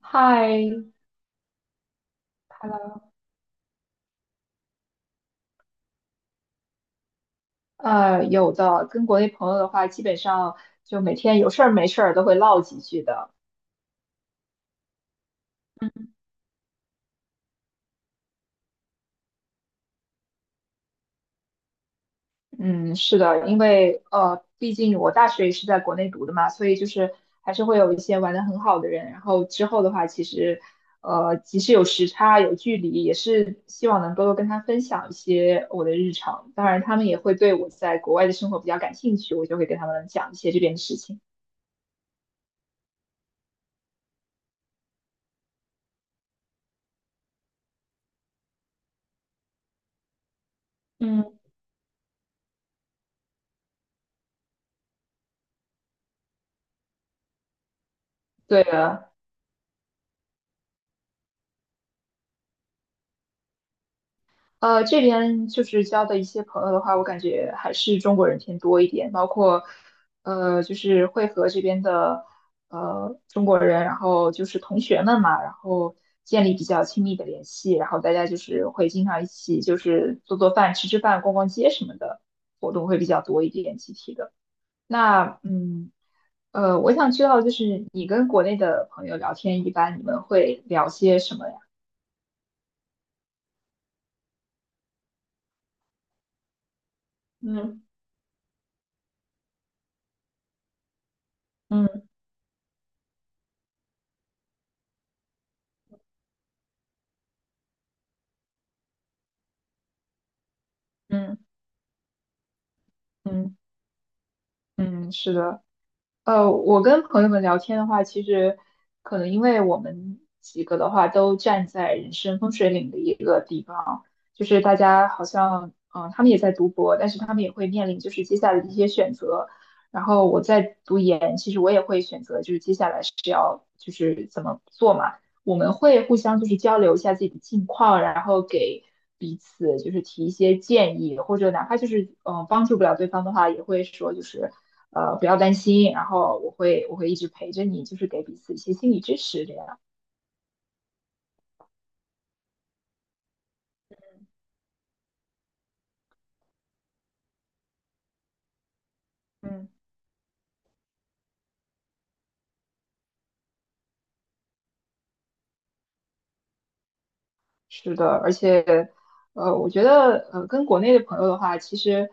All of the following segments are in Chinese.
嗨，有的，跟国内朋友的话，基本上就每天有事儿没事儿都会唠几句的。嗯，是的，因为毕竟我大学也是在国内读的嘛，所以就是还是会有一些玩的很好的人。然后之后的话，其实即使有时差有距离，也是希望能够多跟他分享一些我的日常。当然，他们也会对我在国外的生活比较感兴趣，我就会给他们讲一些这边的事情。嗯，对的，这边就是交的一些朋友的话，我感觉还是中国人偏多一点，包括就是会和这边的中国人，然后就是同学们嘛，然后建立比较亲密的联系，然后大家就是会经常一起就是做做饭、吃吃饭、逛逛街什么的活动会比较多一点，集体的。那我想知道就是你跟国内的朋友聊天，一般你们会聊些什么呀？嗯。嗯嗯嗯嗯，是的。我跟朋友们聊天的话，其实可能因为我们几个的话都站在人生风水岭的一个地方，就是大家好像，他们也在读博，但是他们也会面临就是接下来的一些选择。然后我在读研，其实我也会选择就是接下来是要就是怎么做嘛。我们会互相就是交流一下自己的近况，然后给彼此就是提一些建议，或者哪怕就是帮助不了对方的话，也会说就是。不要担心，然后我会一直陪着你，就是给彼此一些心理支持这样。嗯，是的，而且，我觉得，跟国内的朋友的话，其实，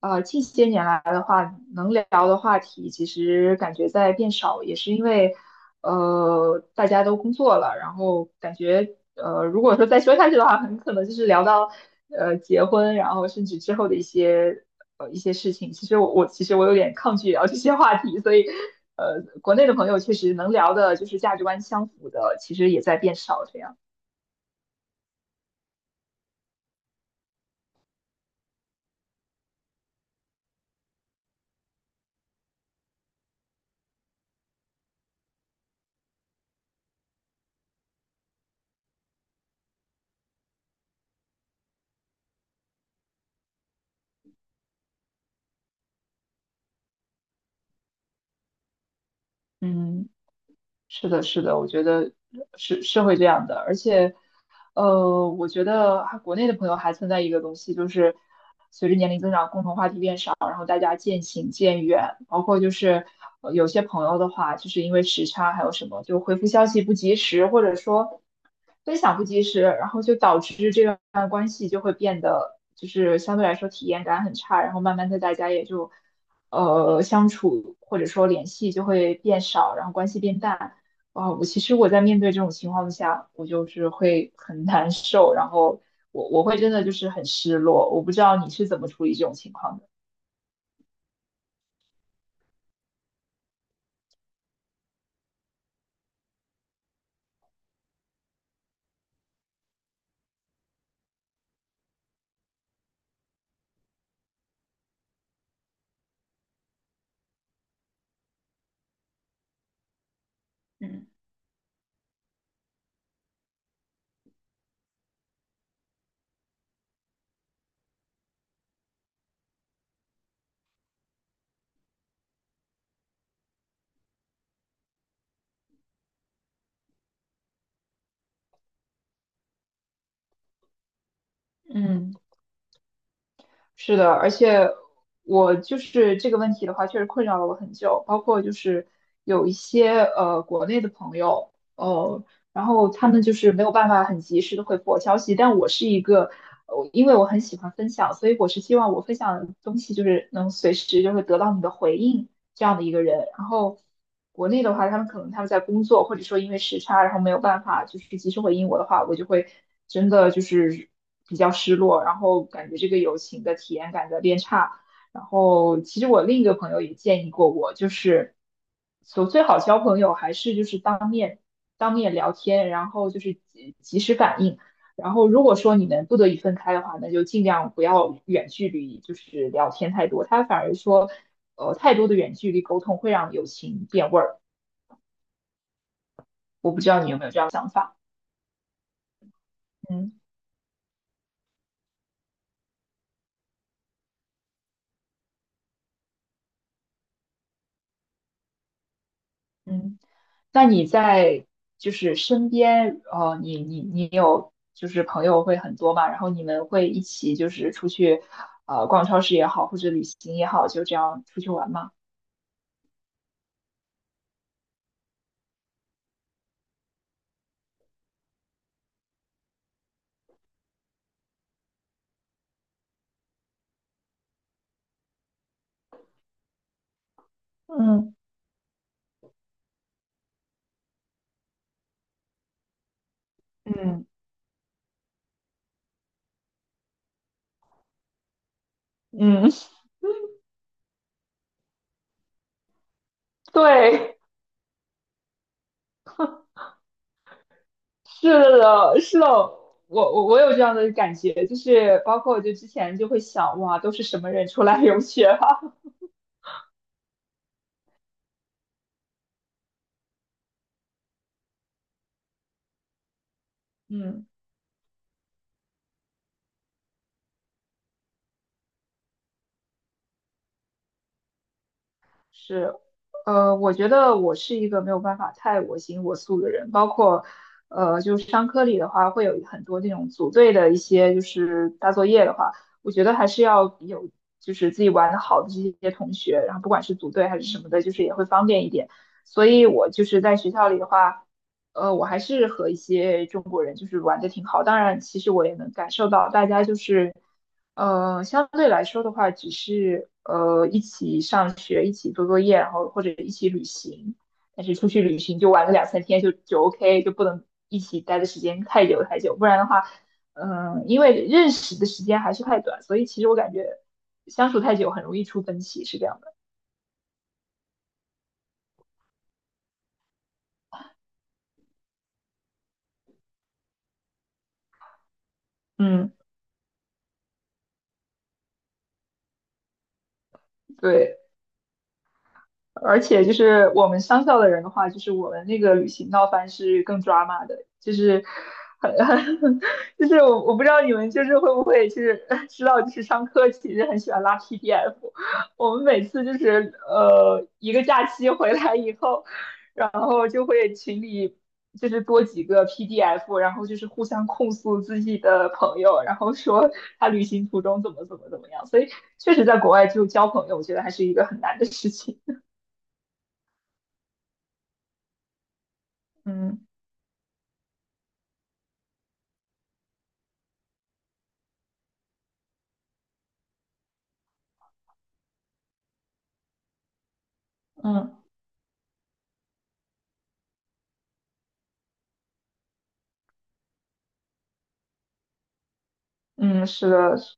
近些年来的话，能聊的话题其实感觉在变少，也是因为，大家都工作了，然后感觉，如果说再说下去的话，很可能就是聊到，结婚，然后甚至之后的一些，一些事情。其实我有点抗拒聊这些话题，所以，国内的朋友确实能聊的，就是价值观相符的，其实也在变少，这样，嗯。是的，是的，我觉得是会这样的，而且，我觉得还国内的朋友还存在一个东西，就是随着年龄增长，共同话题变少，然后大家渐行渐远，包括就是有些朋友的话，就是因为时差还有什么，就回复消息不及时，或者说分享不及时，然后就导致这段关系就会变得就是相对来说体验感很差，然后慢慢的大家也就相处或者说联系就会变少，然后关系变淡。啊，其实我在面对这种情况下，我就是会很难受，然后我会真的就是很失落。我不知道你是怎么处理这种情况的。嗯嗯，是的，而且我就是这个问题的话，确实困扰了我很久。包括就是有一些国内的朋友，然后他们就是没有办法很及时的回复我消息，但我是一个，因为我很喜欢分享，所以我是希望我分享的东西就是能随时就是得到你的回应。这样的一个人。然后国内的话，他们可能在工作，或者说因为时差，然后没有办法就是及时回应我的话，我就会真的就是比较失落，然后感觉这个友情的体验感在变差。然后其实我另一个朋友也建议过我，就是所最好交朋友还是就是当面聊天，然后就是及时反应。然后如果说你们不得已分开的话，那就尽量不要远距离，就是聊天太多。他反而说太多的远距离沟通会让友情变味儿。我不知道你有没有这样的想法？嗯嗯，那你在就是身边，你有就是朋友会很多嘛？然后你们会一起就是出去，逛超市也好，或者旅行也好，就这样出去玩吗？嗯嗯嗯，对，是的，是的，我有这样的感觉，就是包括我就之前就会想，哇，都是什么人出来留学啊？嗯，是，我觉得我是一个没有办法太我行我素的人，包括，就是商科里的话，会有很多这种组队的一些就是大作业的话，我觉得还是要有就是自己玩的好的这些同学，然后不管是组队还是什么的，就是也会方便一点。所以我就是在学校里的话，我还是和一些中国人就是玩的挺好，当然其实我也能感受到大家就是。相对来说的话，只是一起上学，一起做作业，然后或者一起旅行。但是出去旅行就玩个两三天就 OK,就不能一起待的时间太久太久，不然的话，因为认识的时间还是太短，所以其实我感觉相处太久很容易出分歧，是这样的。嗯，对。而且就是我们商校的人的话，就是我们那个旅行闹翻是更抓马的，就是很很 就是我不知道你们就是会不会就是知道，就是上课其实很喜欢拉 PDF,我们每次就是一个假期回来以后，然后就会群里就是多几个 PDF,然后就是互相控诉自己的朋友，然后说他旅行途中怎么怎么怎么样，所以确实在国外就交朋友，我觉得还是一个很难的事情。嗯嗯嗯，是的，是，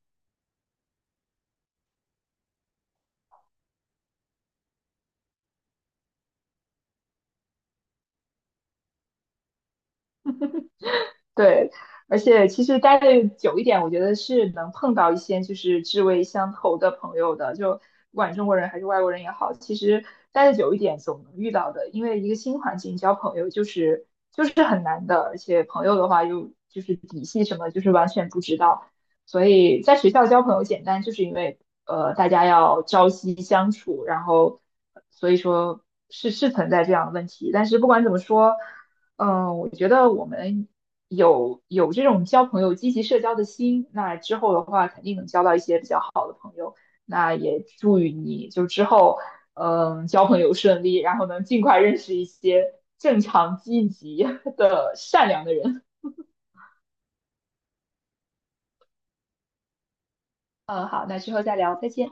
对，而且其实待的久一点，我觉得是能碰到一些就是志味相投的朋友的，就不管中国人还是外国人也好，其实待的久一点总能遇到的，因为一个新环境交朋友就是很难的，而且朋友的话又就是底细什么就是完全不知道，所以在学校交朋友简单，就是因为大家要朝夕相处，然后所以说是存在这样的问题，但是不管怎么说。嗯，我觉得我们有这种交朋友、积极社交的心，那之后的话肯定能交到一些比较好的。那也祝予你就之后，交朋友顺利，然后能尽快认识一些正常、积极的、善良的人。嗯，好，那之后再聊，再见。